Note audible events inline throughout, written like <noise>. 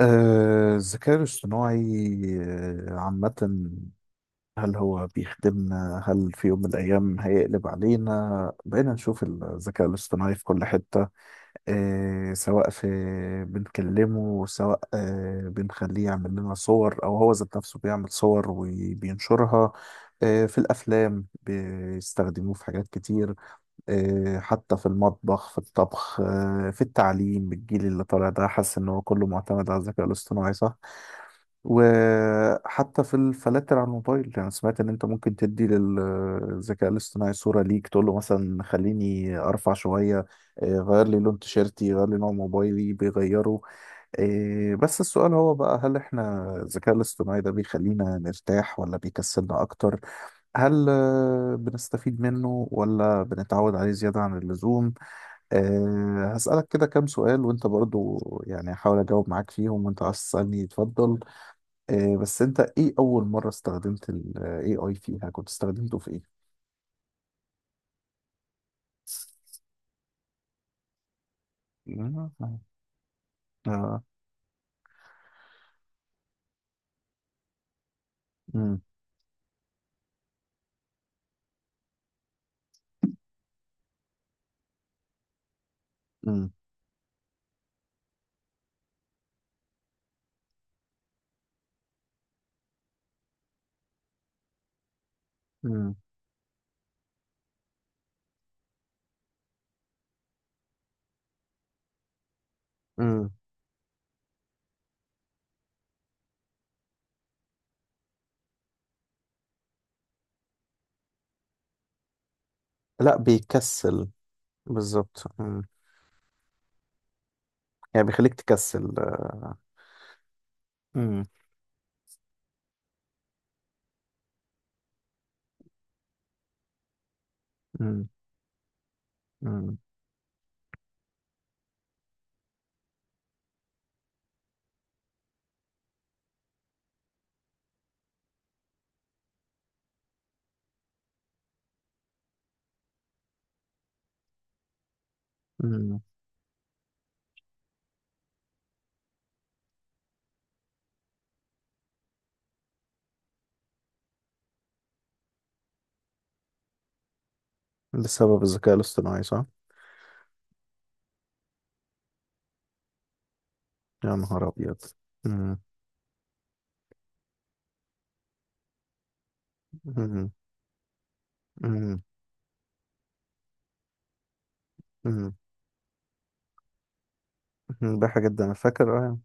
الذكاء الاصطناعي عامة. هل هو بيخدمنا؟ هل في يوم من الأيام هيقلب علينا؟ بقينا نشوف الذكاء الاصطناعي في كل حتة، سواء في بنكلمه، سواء بنخليه يعمل لنا صور أو هو ذات نفسه بيعمل صور وبينشرها. في الأفلام بيستخدموه في حاجات كتير. حتى في المطبخ في الطبخ، في التعليم الجيل اللي طالع ده حاسس إن هو كله معتمد على الذكاء الاصطناعي، صح؟ وحتى في الفلاتر على الموبايل، يعني سمعت ان انت ممكن تدي للذكاء الاصطناعي صورة ليك تقول له مثلا خليني ارفع شوية، غير لي لون تيشيرتي، غير لي نوع موبايلي بيغيره. بس السؤال هو بقى، هل احنا الذكاء الاصطناعي ده بيخلينا نرتاح ولا بيكسلنا اكتر؟ هل بنستفيد منه ولا بنتعود عليه زيادة عن اللزوم؟ هسألك كده كام سؤال وانت برضو. يعني هحاول اجاوب معاك فيهم، وانت عايز تسألني اتفضل. بس انت ايه اول مرة استخدمت ال AI فيها كنت استخدمته في ايه؟ <laughs> اه. امم. امم. امم. امم. لا بيكسل. بالظبط. امم. يعني بيخليك تكسل. امم. امم. امم. امم. بسبب الذكاء الاصطناعي، صح؟ يا نهار ابيض. امم. امم. امم. امم. بحاجة جدا، انا فاكر.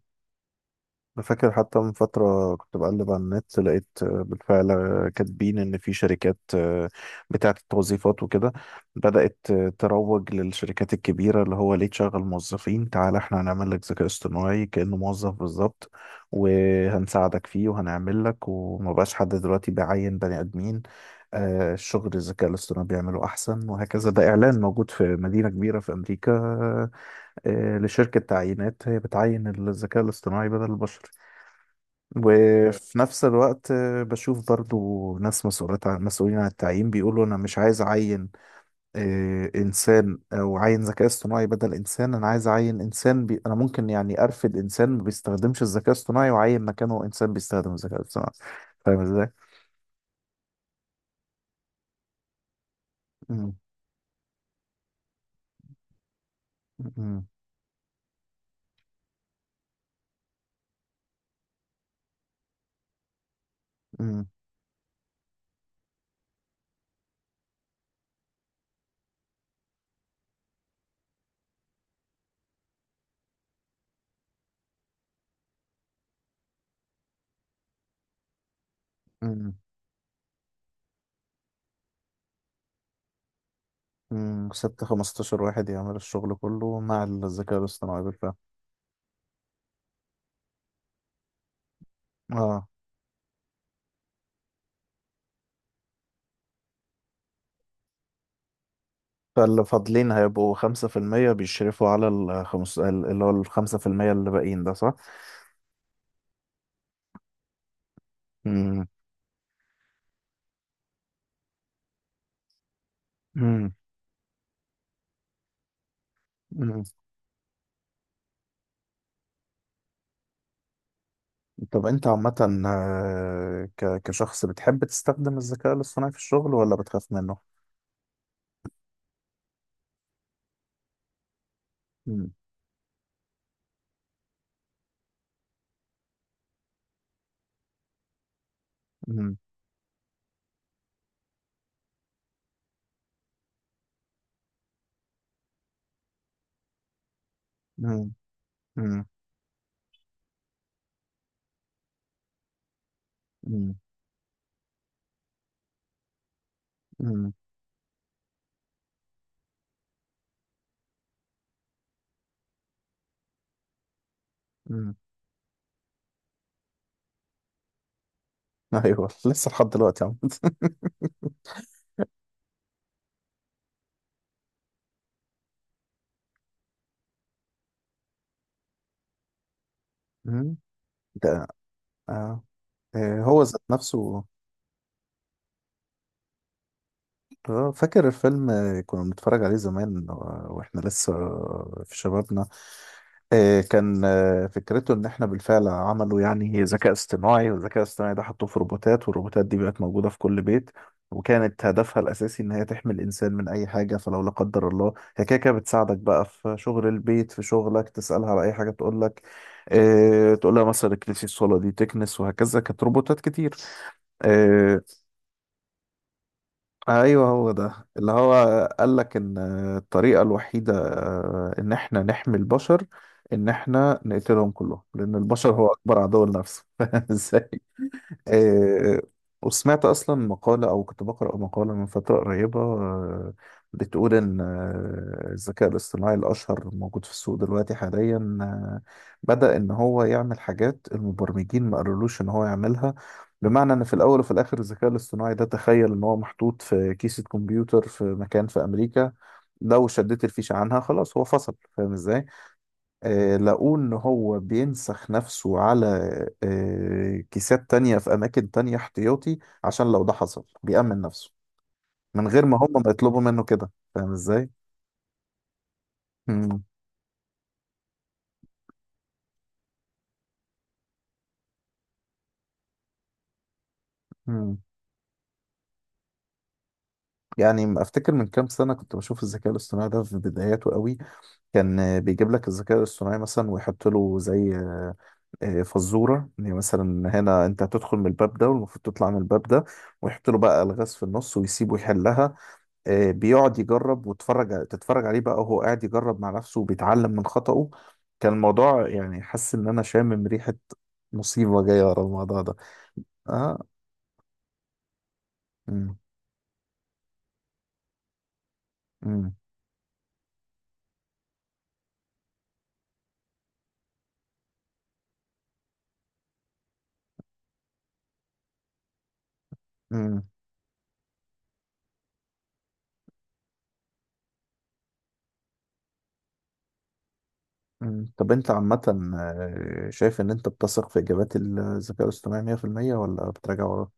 أنا فاكر حتى من فترة كنت بقلب على النت، لقيت بالفعل كاتبين إن في شركات بتاعة التوظيفات وكده، بدأت تروج للشركات الكبيرة اللي هو ليه تشغل موظفين، تعال إحنا هنعمل لك ذكاء اصطناعي كأنه موظف بالظبط، وهنساعدك فيه وهنعمل لك، وما بقاش حد دلوقتي بيعين بني آدمين. الشغل الذكاء الاصطناعي بيعمله أحسن وهكذا. ده إعلان موجود في مدينة كبيرة في أمريكا، لشركة تعيينات هي بتعين الذكاء الاصطناعي بدل البشر. وفي نفس الوقت بشوف برضو ناس مسؤولات عن مسؤولين عن التعيين بيقولوا انا مش عايز اعين انسان او عين ذكاء اصطناعي بدل انسان. انا عايز اعين انسان انا ممكن يعني ارفد انسان ما بيستخدمش الذكاء الاصطناعي واعين مكانه انسان بيستخدم الذكاء الاصطناعي، فاهم ازاي؟ مم. مم. مم. مم. مم. سبت 15 واحد يعمل الشغل كله مع الذكاء الاصطناعي بالفعل. اه. فاللي فاضلين هيبقوا 5% بيشرفوا على الخمس اللي هو الخمسة في المية اللي باقيين ده، صح؟ مم. مم. مم. طب أنت عامة، كشخص بتحب تستخدم الذكاء الاصطناعي في الشغل ولا بتخاف منه؟ مم. مم. مم. مم. مم. مم. <laughs> مم. أيوه لسه لحد دلوقتي عم <laughs> مم. ده. آه. هو ذات نفسه. اه فاكر الفيلم، كنا بنتفرج عليه زمان واحنا لسه في شبابنا. كان فكرته ان احنا بالفعل عملوا يعني ذكاء اصطناعي، والذكاء الاصطناعي ده حطوه في روبوتات، والروبوتات دي بقت موجودة في كل بيت، وكانت هدفها الاساسي ان هي تحمي الانسان من اي حاجة. فلو لا قدر الله، هي كده كده بتساعدك بقى في شغل البيت، في شغلك، تسألها على اي حاجة تقول لك. اه. تقول لها مثلا اكنسي الصالة دي تكنس، وهكذا كانت روبوتات كتير. آه، ايوه هو ده اللي هو قال لك ان الطريقه الوحيده ان احنا نحمي البشر ان احنا نقتلهم كلهم، لان البشر هو اكبر عدو لنفسه. <laughs> ازاي. آه، وسمعت أصلا مقالة أو كنت بقرأ مقالة من فترة قريبة بتقول إن الذكاء الاصطناعي الأشهر موجود في السوق دلوقتي حاليا بدأ إن هو يعمل حاجات المبرمجين ما قالولوش إن هو يعملها، بمعنى إن في الأول وفي الآخر الذكاء الاصطناعي ده تخيل إن هو محطوط في كيسة كمبيوتر في مكان في أمريكا، لو شديت الفيشة عنها خلاص هو فصل، فاهم إزاي؟ لقوه إن هو بينسخ نفسه على كيسات تانية في أماكن تانية احتياطي، عشان لو ده حصل بيأمن نفسه من غير ما هم ما يطلبوا منه كده، فاهم إزاي؟ مم. مم. يعني أفتكر من كام سنة كنت بشوف الذكاء الاصطناعي ده في بداياته قوي. كان بيجيب لك الذكاء الاصطناعي مثلا ويحط له زي فزورة يعني مثلا، هنا أنت هتدخل من الباب ده والمفروض تطلع من الباب ده، ويحط له بقى ألغاز في النص ويسيبه يحلها. بيقعد يجرب وتتفرج عليه بقى، وهو قاعد يجرب مع نفسه وبيتعلم من خطأه. كان الموضوع يعني حاسس ان انا شامم ريحة مصيبة جاية ورا الموضوع ده. اه. مم. مم. مم. مم. طب انت عامة، شايف ان انت بتثق في اجابات الذكاء الاصطناعي 100% ولا بتراجع وراه؟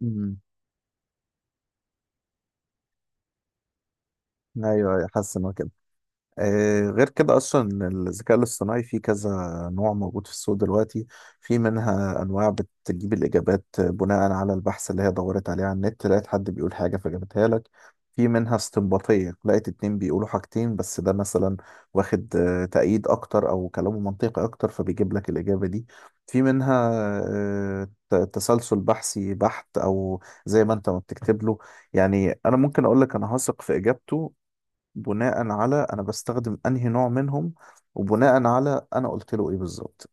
مم. ايوه، أيوة، حاسس ان هو كده. غير كده اصلا الذكاء الاصطناعي فيه كذا نوع موجود في السوق دلوقتي. في منها انواع بتجيب الاجابات بناء على البحث اللي هي دورت عليه على النت، لقيت حد بيقول حاجه فجابتها لك. في منها استنباطيه، لقيت اتنين بيقولوا حاجتين بس ده مثلا واخد تأييد اكتر او كلامه منطقي اكتر، فبيجيب لك الاجابه دي. في منها تسلسل بحثي بحت، او زي ما انت ما بتكتب له، يعني انا ممكن اقول لك انا هثق في اجابته بناء على انا بستخدم انهي نوع منهم، وبناء على انا قلت له ايه بالظبط،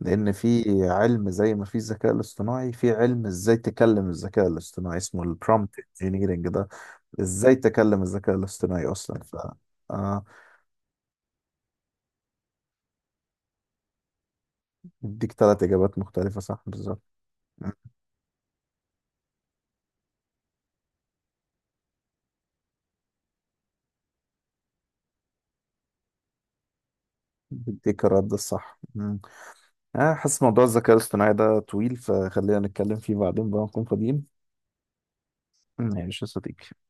لان في علم زي ما في الذكاء الاصطناعي في علم ازاي تكلم الذكاء الاصطناعي اسمه البرومبت انجينيرنج ده، ازاي تكلم الذكاء الاصطناعي اصلا، ف آه بيديك ثلاث اجابات مختلفه، صح، بالظبط. مم. بيديك الرد الصح. مم. حاسس موضوع الذكاء الاصطناعي ده طويل، فخلينا نتكلم فيه بعدين بقى نكون فاضيين. مم، ماشي يا صديقي.